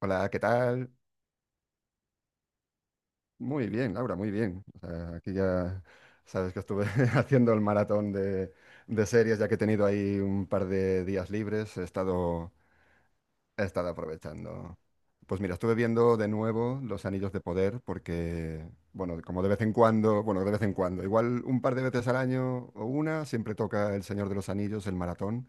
Hola, ¿qué tal? Muy bien, Laura, muy bien. O sea, aquí ya sabes que estuve haciendo el maratón de series, ya que he tenido ahí un par de días libres, he estado aprovechando. Pues mira, estuve viendo de nuevo Los Anillos de Poder porque, bueno, como de vez en cuando, bueno, de vez en cuando, igual un par de veces al año o una, siempre toca El Señor de los Anillos, el maratón.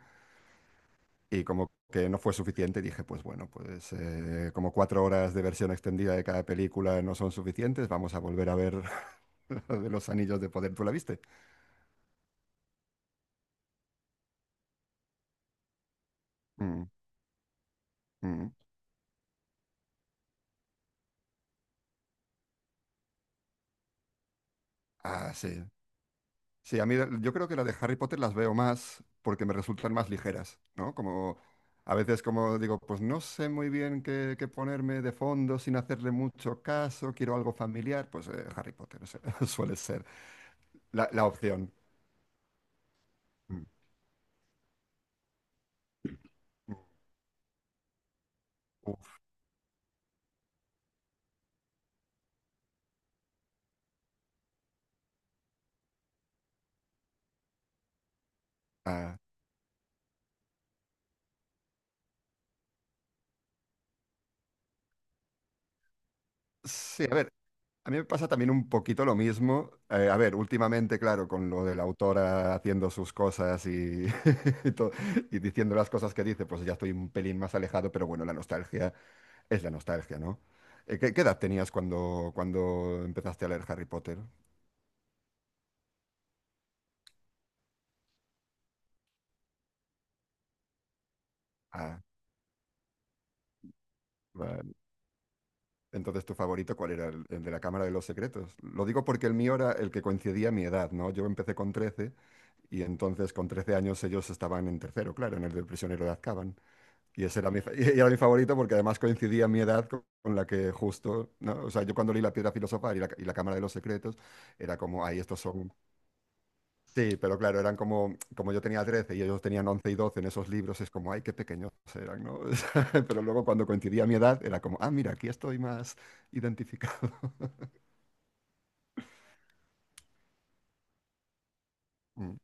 Y como que no fue suficiente, dije, pues bueno, pues como cuatro horas de versión extendida de cada película no son suficientes, vamos a volver a ver la de los anillos de poder. ¿Tú la viste? Mm, mm. Ah, sí. Sí, a mí yo creo que las de Harry Potter las veo más porque me resultan más ligeras, ¿no? Como a veces como digo, pues no sé muy bien qué ponerme de fondo sin hacerle mucho caso, quiero algo familiar, pues Harry Potter o sea, suele ser la opción. Mm, mm. Uf, ah, sí, a ver. A mí me pasa también un poquito lo mismo. A ver, últimamente, claro, con lo de la autora haciendo sus cosas y, y, to- y diciendo las cosas que dice, pues ya estoy un pelín más alejado, pero bueno, la nostalgia es la nostalgia, ¿no? ¿Qué edad tenías cuando empezaste a leer Harry Potter? Ah, vale. Entonces, ¿tu favorito cuál era? ¿El de la Cámara de los Secretos? Lo digo porque el mío era el que coincidía a mi edad, ¿no? Yo empecé con 13 y entonces con 13 años ellos estaban en tercero, claro, en el del prisionero de Azkaban. Y ese era mi, y era mi favorito porque además coincidía mi edad con la que justo, ¿no? O sea, yo cuando leí La Piedra Filosofal y la Cámara de los Secretos, era como, ay, estos son. Sí, pero claro, eran como yo tenía 13 y ellos tenían 11 y 12 en esos libros, es como, ay, qué pequeños eran, ¿no? O sea, pero luego cuando coincidía mi edad, era como, ah, mira, aquí estoy más identificado. Mm,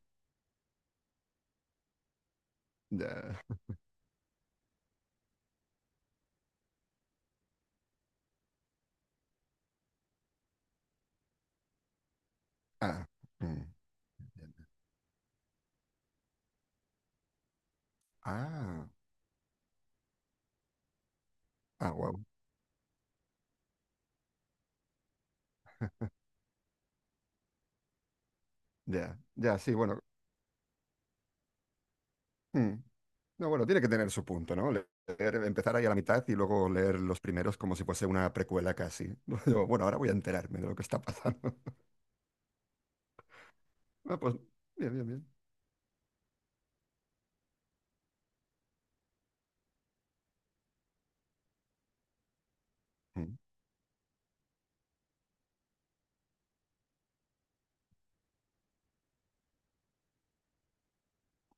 ya. Ah, mm, ya. Ah, ah, wow. Ya, ya, sí, bueno. Mm. No, bueno, tiene que tener su punto, ¿no? Empezar ahí a la mitad y luego leer los primeros como si fuese una precuela casi. Yo, bueno, ahora voy a enterarme de lo que está pasando. Ah, pues, bien, bien, bien.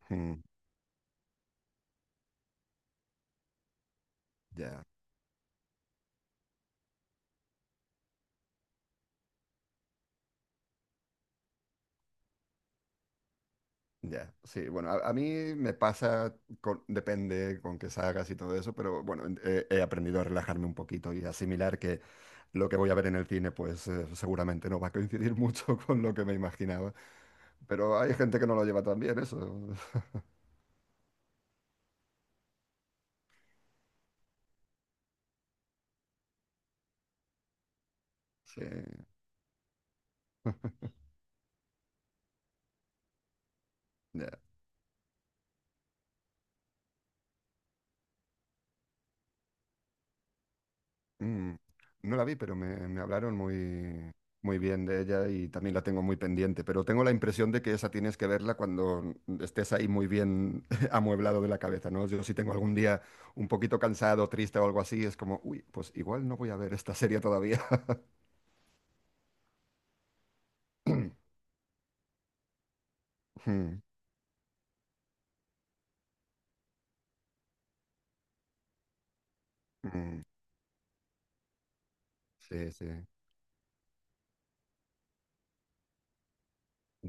Mm, mm, ya, ya. Sí, bueno, a mí me pasa, depende con qué sagas y todo eso, pero bueno, he aprendido a relajarme un poquito y asimilar que lo que voy a ver en el cine, pues seguramente no va a coincidir mucho con lo que me imaginaba. Pero hay gente que no lo lleva tan bien, eso. Sí, ya. Mm, no la vi, pero me hablaron muy, muy bien de ella y también la tengo muy pendiente. Pero tengo la impresión de que esa tienes que verla cuando estés ahí muy bien amueblado de la cabeza, ¿no? Yo si tengo algún día un poquito cansado, triste o algo así, es como, uy, pues igual no voy a ver esta serie todavía. Mm, mm, sí, sí,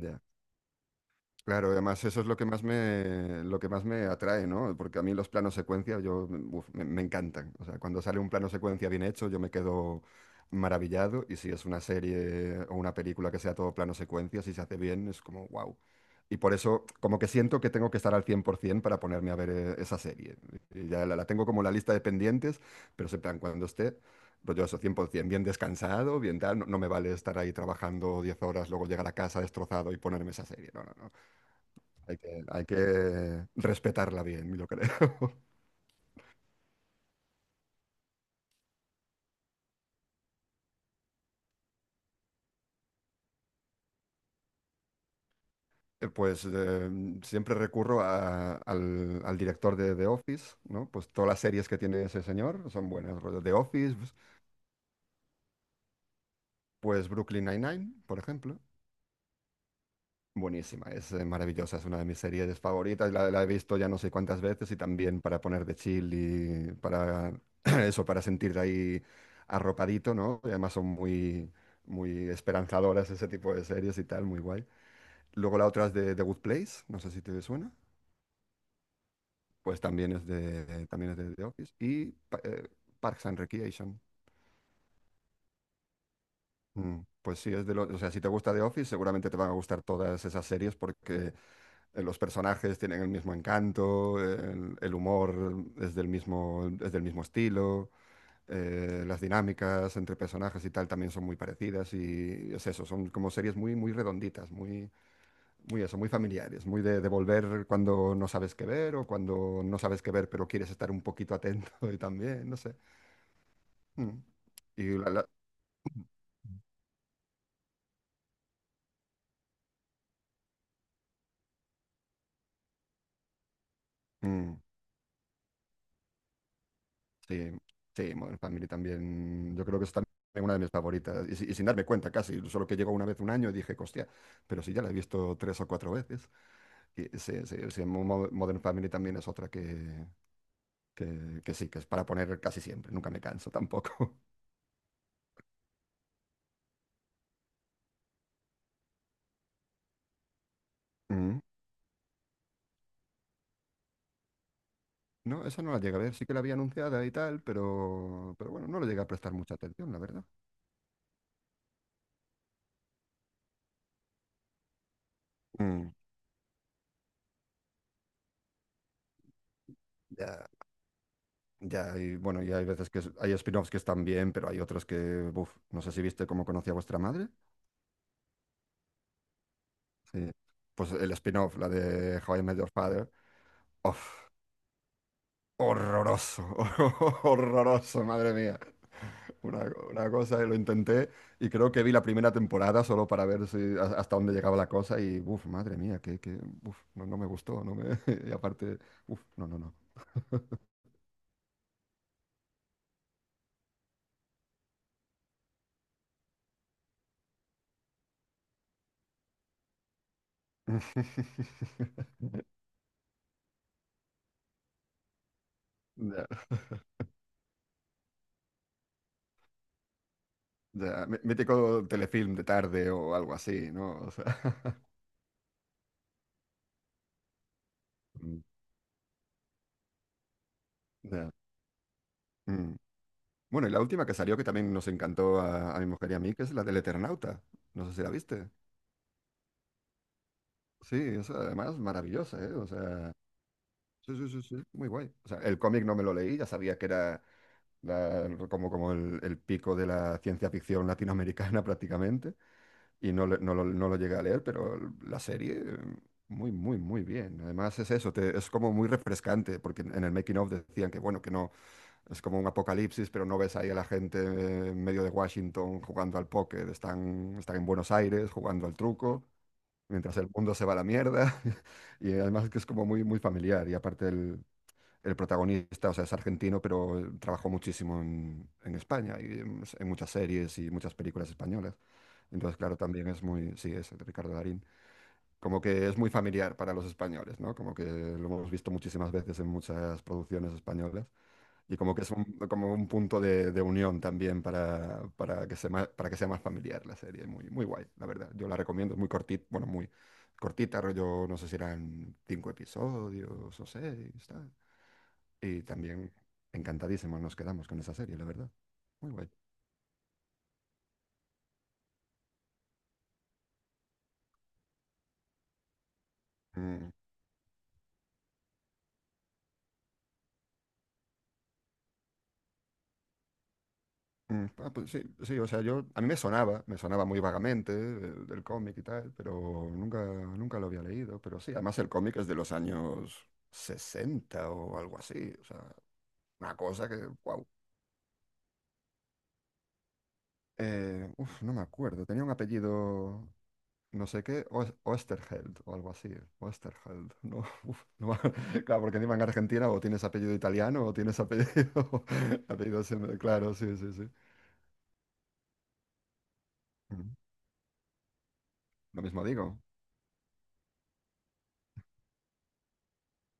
ya. Claro, además eso es lo que más me atrae, ¿no? Porque a mí los planos secuencia yo, uf, me encantan. O sea, cuando sale un plano secuencia bien hecho, yo me quedo maravillado. Y si es una serie o una película que sea todo plano secuencia, si se hace bien, es como wow. Y por eso, como que siento que tengo que estar al 100% para ponerme a ver esa serie. Y ya la tengo como la lista de pendientes, pero siempre en plan, cuando esté, pues yo eso, 100%, bien descansado, bien tal. No, no me vale estar ahí trabajando 10 horas, luego llegar a casa destrozado y ponerme esa serie. No, no, no. Hay que respetarla bien, yo creo. Pues siempre recurro al director de The Office, ¿no? Pues todas las series que tiene ese señor son buenas. Rollo The Office, pues Brooklyn Nine-Nine, por ejemplo. Buenísima, es maravillosa, es una de mis series favoritas. La he visto ya no sé cuántas veces y también para poner de chill y para eso, para sentir ahí arropadito, ¿no? Y además son muy, muy esperanzadoras ese tipo de series y tal, muy guay. Luego la otra es de The Good Place, no sé si te suena. Pues también es de, también es de The Office. Y Parks and Recreation. Mm. Pues sí, es de lo, o sea, si te gusta The Office, seguramente te van a gustar todas esas series porque los personajes tienen el mismo encanto, el humor es del mismo estilo, las dinámicas entre personajes y tal también son muy parecidas y es eso, son como series muy, muy redonditas, muy, muy eso, muy familiares, muy de volver cuando no sabes qué ver o cuando no sabes qué ver, pero quieres estar un poquito atento y también, no sé. Mm. Y mm, sí, sí, Modern Family también. Yo creo que es también una de mis favoritas. Y sin darme cuenta casi, solo que llegó una vez un año y dije, hostia, pero sí ya la he visto tres o cuatro veces. Y sí, sí, sí, Modern Family también es otra que sí, que es para poner casi siempre. Nunca me canso tampoco. No, esa no la llegué a ver, sí que la había anunciada y tal, pero bueno, no le llegué a prestar mucha atención, la verdad. Mm, ya, ya, y bueno, y hay veces que hay spin-offs que están bien, pero hay otros que, buf, no sé si viste Cómo Conocí a Vuestra Madre. Sí. Pues el spin-off, la de How I Met Your Father, uf, horroroso, horroroso, madre mía. Una, una cosa, lo intenté y creo que vi la primera temporada solo para ver si, hasta dónde llegaba la cosa y, uff, madre mía, no, no me gustó, no me, y aparte, uff, no, no, no. Ya, ya, mítico telefilm de tarde o algo así, ¿no? O sea, mm, ya, mm. Bueno, y la última que salió que también nos encantó a mi mujer y a mí, que es la del Eternauta. No sé si la viste. Sí, esa además maravillosa, ¿eh? O sea, sí, sí, sí, sí, muy guay. O sea, el cómic no me lo leí, ya sabía que era como el pico de la ciencia ficción latinoamericana prácticamente, y no, no lo llegué a leer, pero la serie, muy, muy, muy bien. Además es eso, es como muy refrescante, porque en el making of decían que, bueno, que no, es como un apocalipsis, pero no ves ahí a la gente en medio de Washington jugando al póker, están en Buenos Aires jugando al truco mientras el mundo se va a la mierda. Y además que es como muy, muy familiar. Y aparte el protagonista, o sea, es argentino, pero trabajó muchísimo en España y en muchas series y muchas películas españolas. Entonces, claro, también es muy, sí, es el Ricardo Darín. Como que es muy familiar para los españoles, ¿no? Como que lo hemos visto muchísimas veces en muchas producciones españolas. Y como que es como un punto de unión también para para que sea más familiar la serie. Muy, muy guay, la verdad. Yo la recomiendo, es muy cortita, bueno, muy cortita, rollo, no sé si eran cinco episodios o seis, tal. Y también encantadísimos nos quedamos con esa serie, la verdad. Muy guay. Mm, mm, ah, pues sí, sí, o sea, a mí me sonaba muy vagamente del cómic y tal, pero nunca lo había leído. Pero sí, además el cómic es de los años 60 o algo así, o sea, una cosa que, wow. Uf, no me acuerdo. Tenía un apellido, no sé qué, Oesterheld o algo así. Oesterheld. No, uf, no me- Claro, porque encima en Argentina o tienes apellido italiano o tienes apellido. Apellido así, ¿no? Claro, sí, sí, sí. Ujú. Lo mismo digo.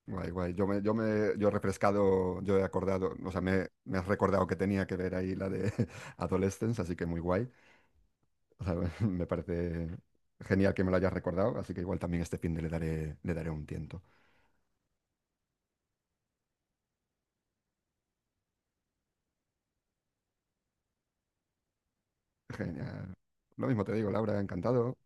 Guay, guay. Yo me, yo me, yo he refrescado, yo he acordado, o sea, me has recordado que tenía que ver ahí la de Adolescence, así que muy guay. O sea, me parece genial que me lo hayas recordado, así que igual también este fin de le daré un tiento. Genial. Lo mismo te digo, Laura, encantado.